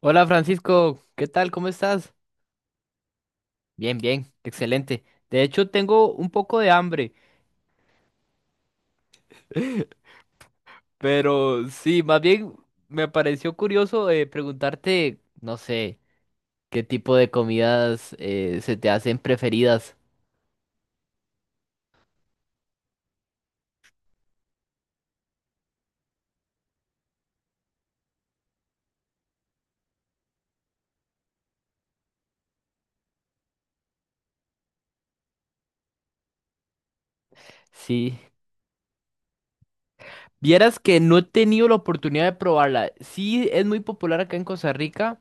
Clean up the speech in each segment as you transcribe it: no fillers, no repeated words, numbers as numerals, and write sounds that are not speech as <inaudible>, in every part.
Hola Francisco, ¿qué tal? ¿Cómo estás? Bien, bien, excelente. De hecho, tengo un poco de hambre, <laughs> pero sí, más bien me pareció curioso preguntarte, no sé, qué tipo de comidas se te hacen preferidas. Sí, vieras que no he tenido la oportunidad de probarla. Sí, es muy popular acá en Costa Rica,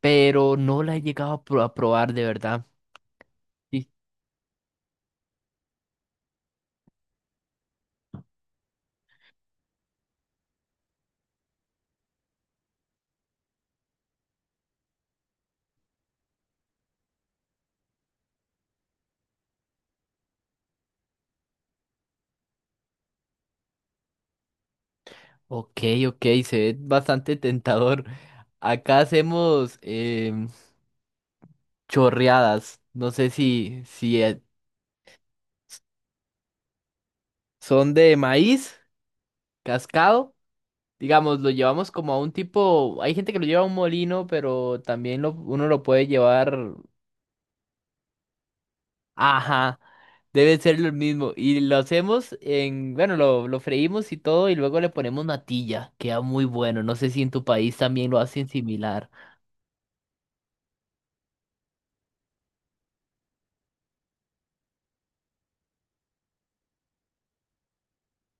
pero no la he llegado a probar de verdad. Sí. Ok, ok, se ve bastante tentador. Acá hacemos... em, chorreadas. No sé si son de maíz cascado. Digamos, lo llevamos como a un tipo. Hay gente que lo lleva a un molino, pero también uno lo puede llevar. Ajá, debe ser lo mismo. Y lo hacemos en. Bueno, lo freímos y todo, y luego le ponemos natilla. Queda muy bueno. No sé si en tu país también lo hacen similar.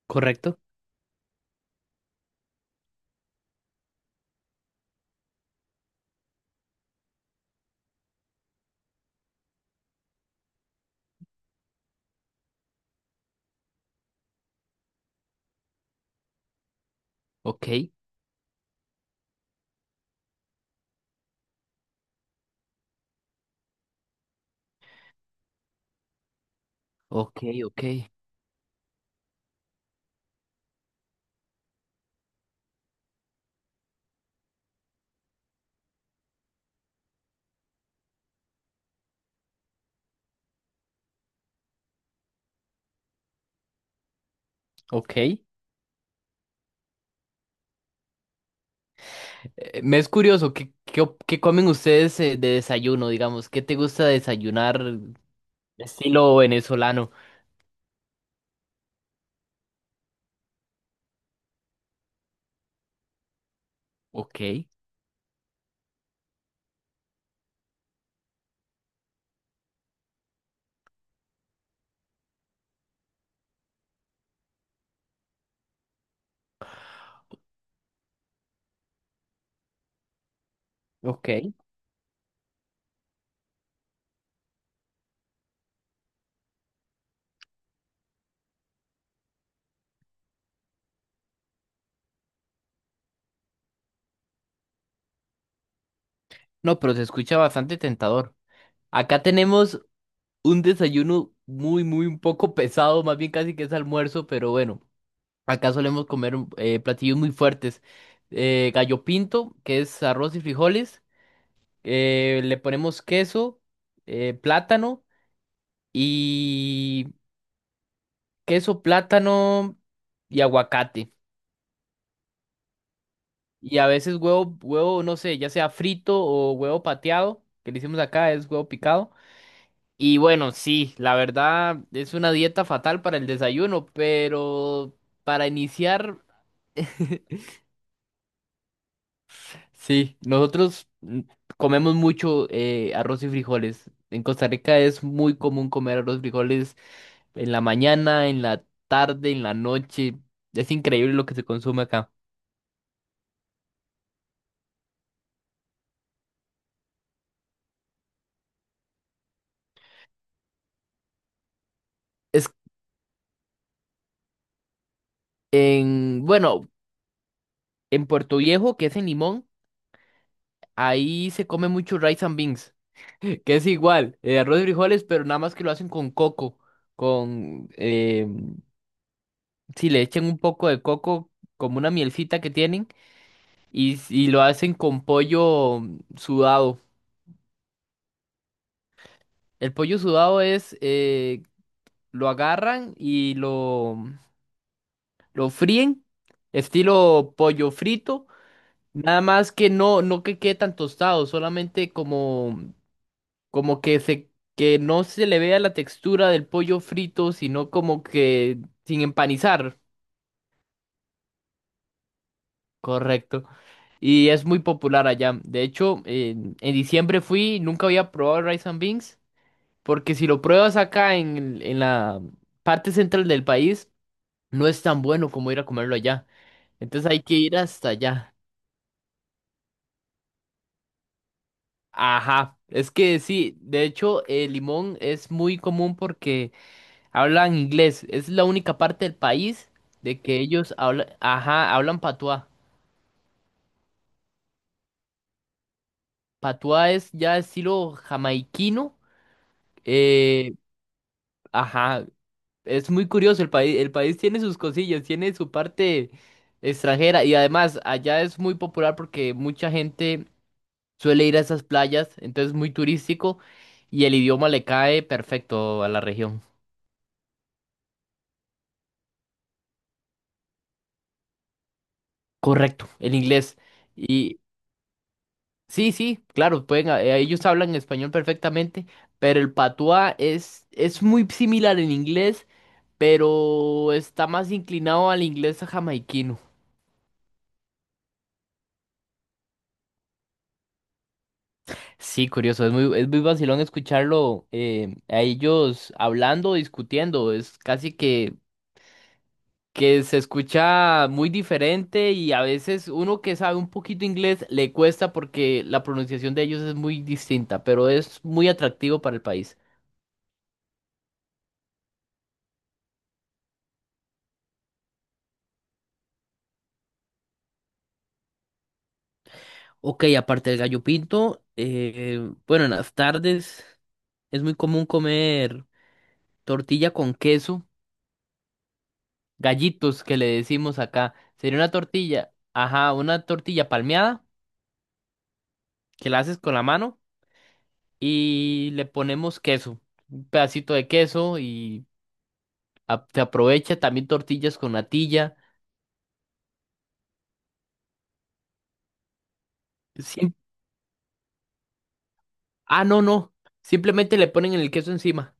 ¿Correcto? Ok, ok, ok, ok. Me es curioso, ¿qué comen ustedes de desayuno, digamos? ¿Qué te gusta desayunar estilo venezolano? Ok, ok. No, pero se escucha bastante tentador. Acá tenemos un desayuno muy un poco pesado, más bien casi que es almuerzo, pero bueno, acá solemos comer platillos muy fuertes. Gallo pinto, que es arroz y frijoles. Le ponemos queso, plátano queso, plátano y aguacate. Y a veces huevo, no sé, ya sea frito o huevo pateado, que le hicimos acá, es huevo picado. Y bueno, sí, la verdad es una dieta fatal para el desayuno, pero para iniciar, <laughs> sí, nosotros comemos mucho arroz y frijoles. En Costa Rica es muy común comer arroz y frijoles en la mañana, en la tarde, en la noche. Es increíble lo que se consume acá. Es En, bueno, en Puerto Viejo, que es en Limón, ahí se come mucho rice and beans, <laughs> que es igual, arroz y frijoles, pero nada más que lo hacen con coco, con, eh, si le echan un poco de coco, como una mielcita que tienen, y lo hacen con pollo sudado. El pollo sudado es, lo agarran y lo fríen, estilo pollo frito. Nada más que no que quede tan tostado, solamente como como que se que no se le vea la textura del pollo frito, sino como que sin empanizar, correcto. Y es muy popular allá. De hecho, en diciembre fui, nunca había probado el rice and beans, porque si lo pruebas acá en la parte central del país, no es tan bueno como ir a comerlo allá. Entonces hay que ir hasta allá. Ajá, es que sí, de hecho, el limón es muy común porque hablan inglés. Es la única parte del país de que ellos hablan, ajá, hablan patuá. Patuá es ya estilo jamaiquino. eh, ajá, es muy curioso. El país tiene sus cosillas, tiene su parte extranjera y además allá es muy popular porque mucha gente suele ir a esas playas, entonces es muy turístico y el idioma le cae perfecto a la región. Correcto, el inglés. Sí, sí, claro, pueden, ellos hablan español perfectamente, pero el patuá es muy similar en inglés, pero está más inclinado al inglés jamaiquino. Sí, curioso, es muy vacilón escucharlo a ellos hablando, discutiendo, es casi que se escucha muy diferente y a veces uno que sabe un poquito inglés le cuesta porque la pronunciación de ellos es muy distinta, pero es muy atractivo para el país. Ok, aparte del gallo pinto, bueno, en las tardes es muy común comer tortilla con queso, gallitos que le decimos acá. Sería una tortilla, ajá, una tortilla palmeada que la haces con la mano y le ponemos queso, un pedacito de queso y se aprovecha también tortillas con natilla. Siem- ah, no, simplemente le ponen el queso encima.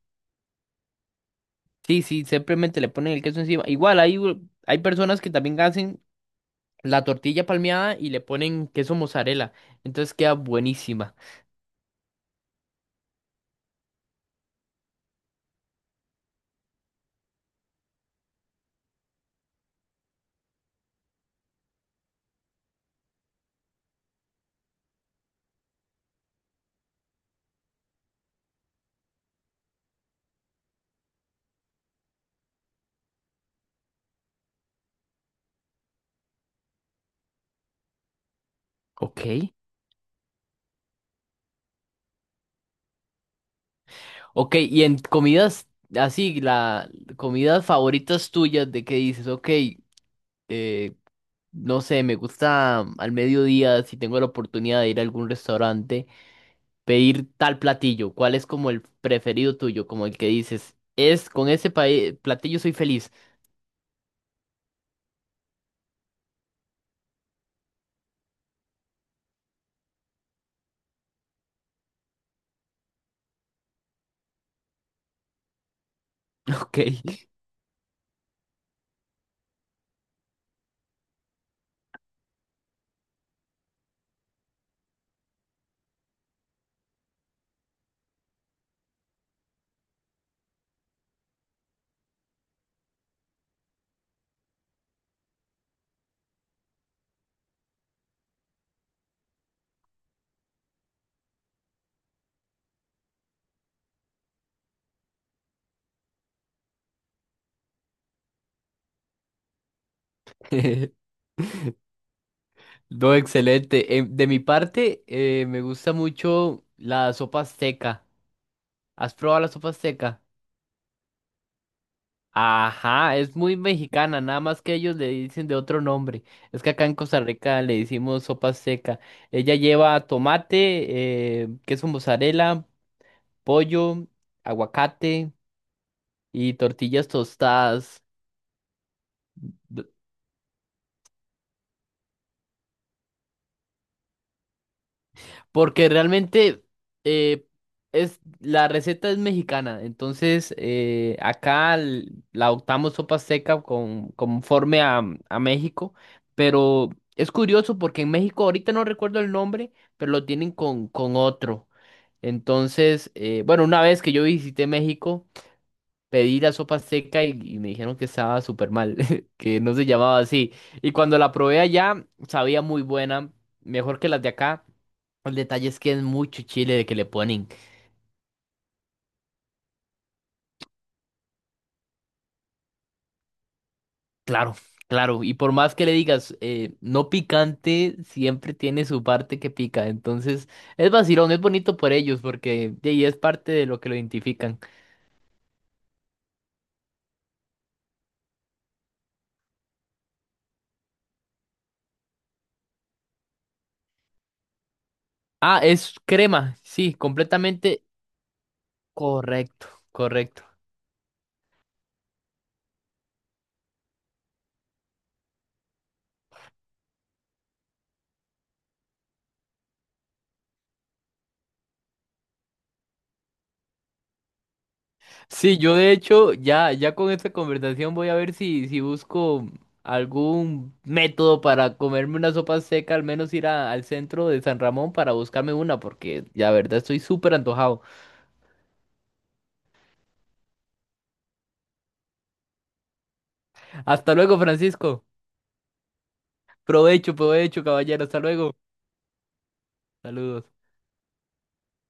Sí, sí, simplemente le ponen el queso encima. Igual hay personas que también hacen la tortilla palmeada y le ponen queso mozzarella. Entonces queda buenísima. Ok. Ok, y en comidas así, la comidas favoritas tuyas de que dices, ok, eh, no sé, me gusta al mediodía, si tengo la oportunidad de ir a algún restaurante, pedir tal platillo. ¿Cuál es como el preferido tuyo? Como el que dices, es con ese platillo soy feliz. <laughs> Ok. <laughs> No, excelente. De mi parte, me gusta mucho la sopa azteca. ¿Has probado la sopa seca? Ajá, es muy mexicana, nada más que ellos le dicen de otro nombre. Es que acá en Costa Rica le decimos sopa seca. Ella lleva tomate, queso mozzarella, pollo, aguacate y tortillas tostadas. Porque realmente eh, la receta es mexicana, entonces la adoptamos sopa seca conforme a México, pero es curioso porque en México ahorita no recuerdo el nombre, pero lo tienen con otro. Entonces, bueno, una vez que yo visité México, pedí la sopa seca y me dijeron que estaba súper mal, <laughs> que no se llamaba así. Y cuando la probé allá, sabía muy buena, mejor que las de acá. El detalle es que es mucho chile de que le ponen. Claro, claro. Y por más que le digas no picante, siempre tiene su parte que pica. Entonces, es vacilón, es bonito por ellos porque de ahí es parte de lo que lo identifican. Ah, es crema. Sí, completamente correcto, correcto. Sí, yo de hecho ya con esta conversación voy a ver si busco algún método para comerme una sopa seca, al menos ir al centro de San Ramón para buscarme una, porque la verdad estoy súper antojado. Hasta luego, Francisco. Provecho, provecho, caballero. Hasta luego. Saludos.